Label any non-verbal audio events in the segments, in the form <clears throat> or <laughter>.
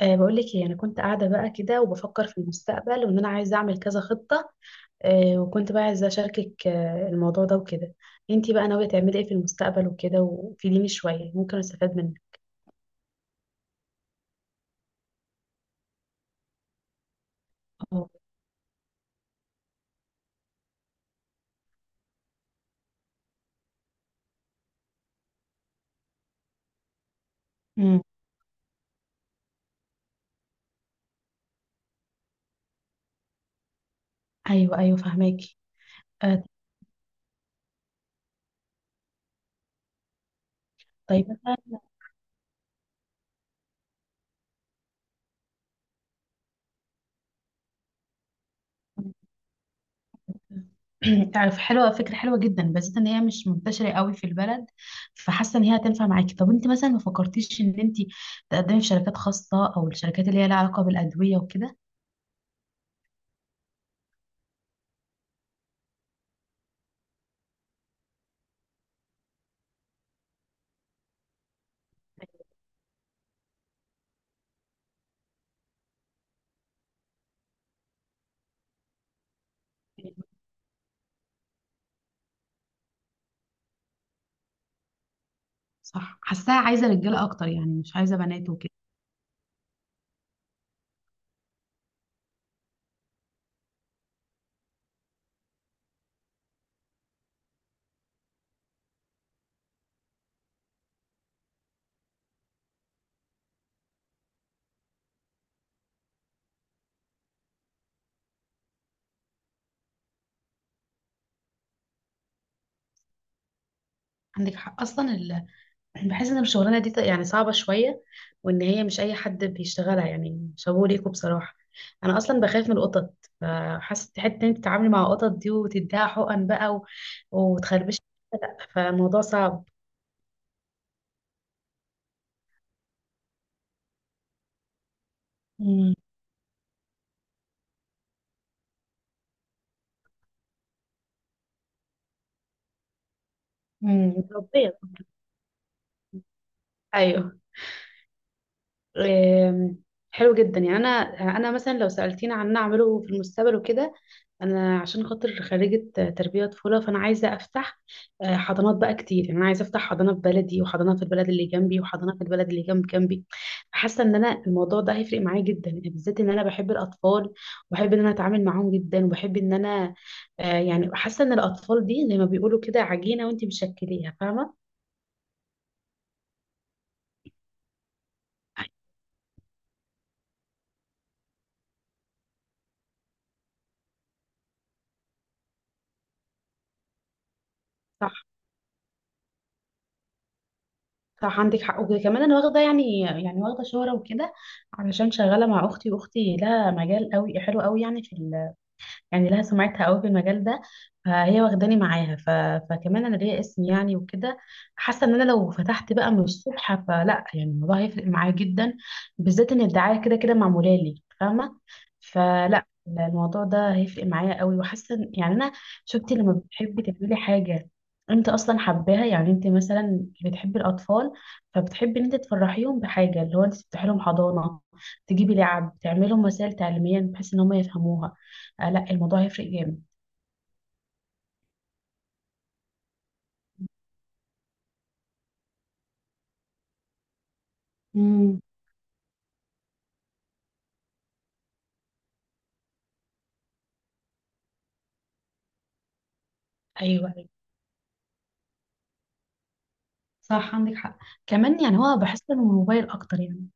بقول لك ايه، انا كنت قاعده بقى كده وبفكر في المستقبل وان انا عايزه اعمل كذا خطه. وكنت بقى عايزه اشاركك الموضوع ده وكده. انتي بقى ناويه تعملي ايه في المستقبل وكده؟ وفيديني شويه ممكن استفاد منك. اه. امم. ايوه، ايوه، فهماكي. أه طيب مثلا. <clears throat> عارف، حلوه، فكره حلوه جدا، بس ان هي مش منتشره قوي في البلد، فحاسه ان هي هتنفع معاكي. طب انت مثلا ما فكرتيش ان انت تقدمي في شركات خاصه، او الشركات اللي هي لها علاقه بالادويه وكده؟ صح، حاساها عايزه رجاله اكتر يعني، مش عايزه بنات وكده. عندك حق، اصلا. بحس ان الشغلانه دي يعني صعبه شويه، وان هي مش اي حد بيشتغلها يعني. شابوه ليكوا بصراحه. انا اصلا بخاف من القطط، فحاسه حته ان انت تتعاملي مع القطط دي وتديها حقن بقى وتخربش. لا، فالموضوع صعب. امم. امم، مربيه. ايوه. آم، حلو جدا يعني. انا مثلا لو سالتيني عن اعمله في المستقبل وكده، انا عشان خاطر خريجه تربيه طفوله، فانا عايزه افتح حضانات بقى كتير. يعني انا عايزه افتح حضانه في بلدي، وحضانه في البلد اللي جنبي، وحضانه في البلد اللي جنب جنبي. حاسه ان انا الموضوع ده هيفرق معايا جدا يعني، بالذات ان انا بحب الاطفال، وبحب ان انا اتعامل معاهم جدا، وبحب ان انا يعني حاسه ان الاطفال دي زي ما بيقولوا كده عجينه وانت مشكليها، فاهمه؟ صح. صح، عندك حق. وكمان انا واخده يعني واخده شهره وكده، علشان شغاله مع اختي، واختي لها مجال قوي حلو قوي يعني، في، يعني لها سمعتها قوي في المجال ده، فهي واخداني معاها. فكمان انا ليا اسم يعني وكده، حاسه ان انا لو فتحت بقى من الصبح فلا، يعني الموضوع هيفرق معايا جدا، بالذات ان الدعايه كده كده معموله لي، فاهمه؟ فلا، الموضوع ده هيفرق معايا قوي، يعني انا شفتي لما بتحبي تعملي حاجه انت اصلا حباها، يعني انت مثلا بتحبي الاطفال، فبتحبي ان انت تفرحيهم بحاجه، اللي هو انت تفتحي لهم حضانه، تجيبي لعب، تعملي لهم وسائل تعليميه بحيث ان هم يفهموها. لا، الموضوع هيفرق جامد. امم. ايوه، ايوه صح عندك حق. كمان يعني هو بحس انه الموبايل اكتر يعني.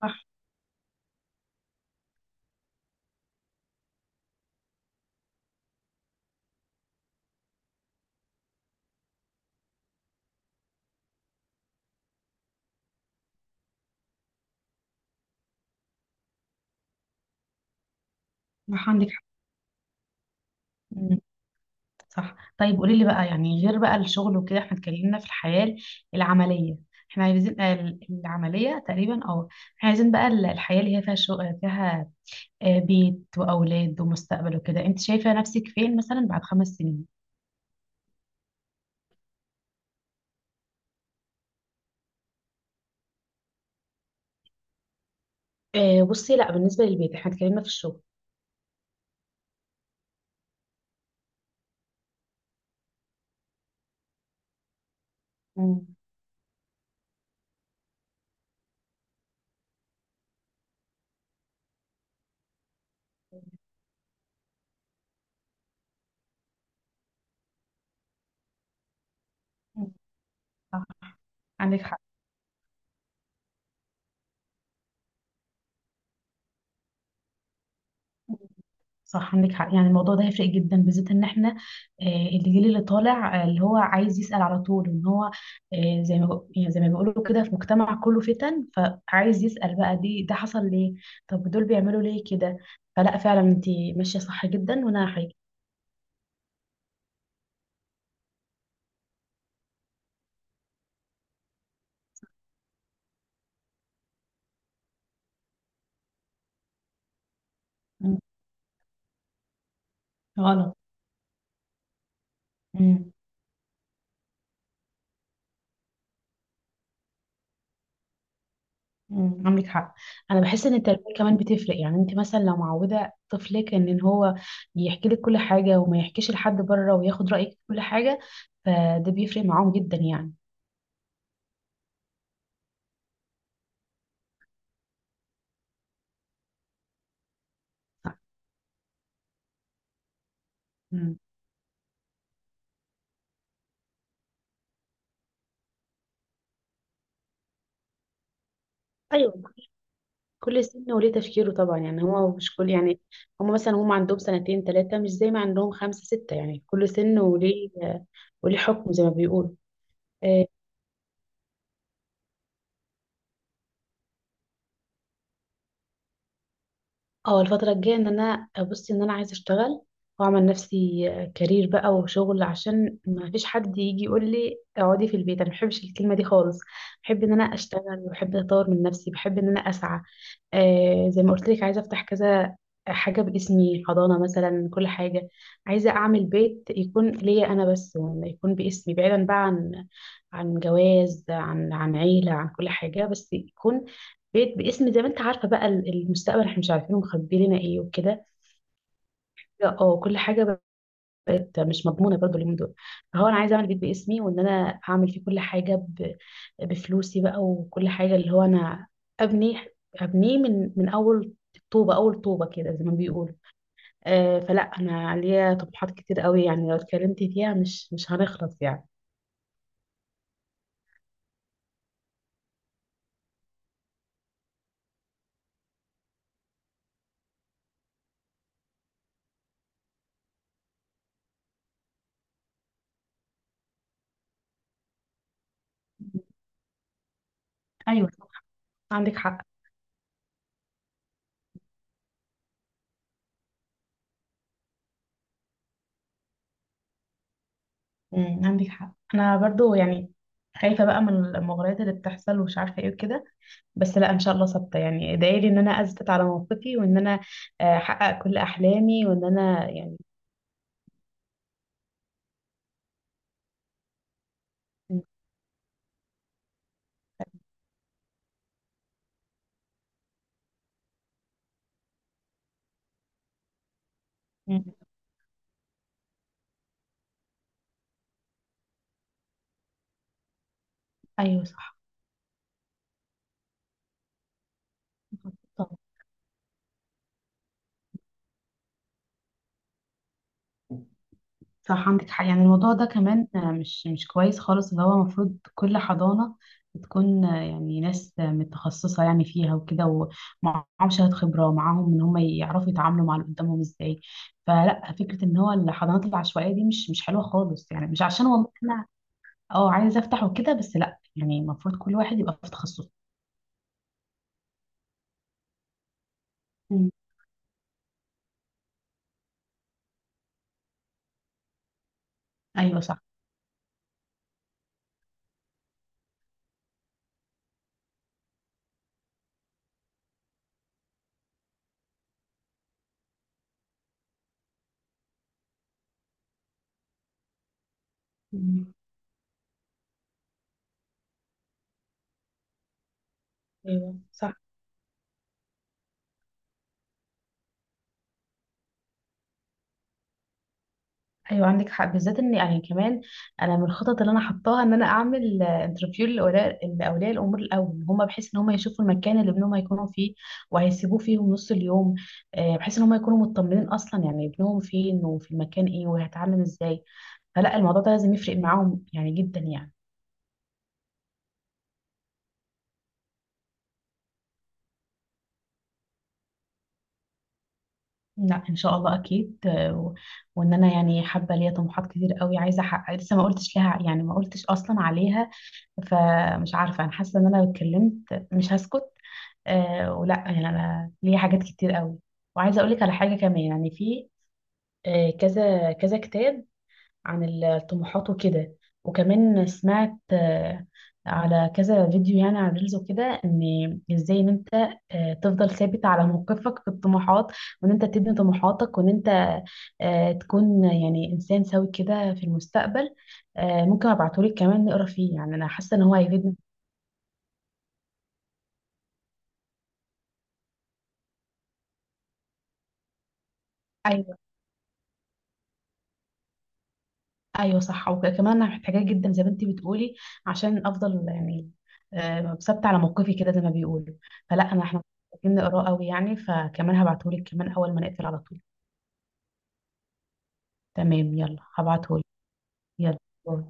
صح. صح، عندك حق. مم. صح، طيب قولي لي بقى، يعني غير بقى الشغل وكده، احنا اتكلمنا في الحياة العملية. احنا عايزين العملية تقريبا، اه احنا عايزين بقى الحياة اللي هي فيها شغل، فيها بيت وأولاد ومستقبل وكده. انت شايفة نفسك فين مثلا بعد 5 سنين؟ مم. بصي، لا، بالنسبة للبيت احنا اتكلمنا في الشغل. مم. مم. صح، عندك حق. صح، عندك حق. يعني الموضوع ده هيفرق جدا، بالذات ان احنا الجيل اللي طالع، اللي هو عايز يسأل على طول، ان هو زي ما يعني زي ما بيقولوا كده، في مجتمع كله فتن، فعايز يسأل بقى، ده حصل ليه، طب دول بيعملوا ليه كده. فلا فعلا انت ماشية صح جدا. وانا حاجة. مم. غلط. مم، عندك حق. انا بحس ان التربيه كمان بتفرق، يعني انت مثلا لو معوده طفلك إن هو يحكي لك كل حاجه وما يحكيش لحد بره، وياخد رايك في كل حاجه، فده بيفرق معاهم جدا يعني. مم. ايوه، كل سن وليه تفكيره طبعا، يعني هو مش كل يعني، هم مثلا هم عندهم سنتين ثلاثه، مش زي ما عندهم خمسه سته. يعني كل سن وليه حكم زي ما بيقولوا. اه، الفترة الجاية ان انا ابص ان انا عايزة اشتغل واعمل نفسي كارير بقى وشغل، عشان ما فيش حد يجي يقول لي اقعدي في البيت. انا ما بحبش الكلمة دي خالص. بحب ان انا اشتغل، وبحب اطور من نفسي، بحب ان انا اسعى. زي ما قلت لك، عايزة افتح كذا حاجة باسمي، حضانة مثلا، كل حاجة. عايزة اعمل بيت يكون ليا انا بس، ولا يكون باسمي، بعيدا بقى عن جواز، عن عيلة، عن كل حاجة، بس يكون بيت باسم، زي ما انت عارفه بقى المستقبل احنا مش عارفين مخبي لنا ايه وكده. لا اه، كل حاجه بقت مش مضمونه برضو اليومين دول. فهو انا عايزه اعمل بيت باسمي، وان انا اعمل فيه كل حاجه بفلوسي بقى، وكل حاجه اللي هو انا ابني، ابنيه من اول طوبه، اول طوبه كده زي ما بيقولوا. فلا، انا ليا طموحات كتير قوي، يعني لو اتكلمت فيها مش هنخلص يعني. ايوه، صح. عندك حق. امم، عندك حق. انا برضو يعني خايفه بقى من المغريات اللي بتحصل ومش عارفه ايه وكده، بس لا ان شاء الله ثابته يعني. ادعي لي ان انا اثبت على موقفي، وان انا احقق كل احلامي، وان انا يعني. م- م- ايوه صح. طب صح عندك حق. يعني الموضوع ده كمان مش كويس خالص، اللي هو المفروض كل حضانه بتكون يعني ناس متخصصه يعني فيها وكده، ومعاهم شهاده خبره، ومعاهم ان هم يعرفوا يتعاملوا مع اللي قدامهم ازاي. فلا، فكره ان هو الحضانات العشوائيه دي مش حلوه خالص يعني، مش عشان والله انا اه عايزه افتح وكده، بس لا يعني المفروض كل واحد يبقى في تخصصه. مم. ايوه صح. مم. ايوه صح. ايوه عندك حق، بالذات ان يعني كمان انا من الخطط اللي انا حطاها ان انا اعمل انترفيو لاولياء الامور الاول، ان هم بحيث ان هم يشوفوا المكان اللي ابنهم هيكونوا فيه وهيسيبوه فيهم نص اليوم، بحيث ان هم يكونوا مطمنين اصلا، يعني ابنهم فين وفي المكان ايه وهيتعامل ازاي. فلا، الموضوع ده لازم يفرق معاهم يعني جدا يعني. لا، ان شاء الله اكيد وان انا يعني حابه، ليا طموحات كتير قوي عايزه احقق، لسه ما قلتش لها يعني، ما قلتش اصلا عليها، فمش عارفة. أنا حاسة إن أنا لو اتكلمت مش هسكت. ولا يعني أنا ليا حاجات كتير قوي، وعايزة أقولك على حاجة كمان. يعني في كذا كذا كتاب عن الطموحات وكده، وكمان سمعت على كذا فيديو يعني على ريلز وكده، إن إزاي إن أنت تفضل ثابت على موقفك في الطموحات، وإن أنت تبني طموحاتك، وإن أنت تكون يعني إنسان سوي كده في المستقبل. ممكن أبعتهولك كمان نقرا فيه، يعني أنا حاسة إن هو هيفيدنا. ايوه صح، وكمان انا محتاجاه جدا زي ما انت بتقولي، عشان افضل يعني ثابته على موقفي كده زي ما بيقولوا. فلا انا، احنا محتاجين نقراه قوي يعني، فكمان هبعتهولك كمان اول ما نقفل على طول. تمام يلا، هبعتهولك. يلا. باي.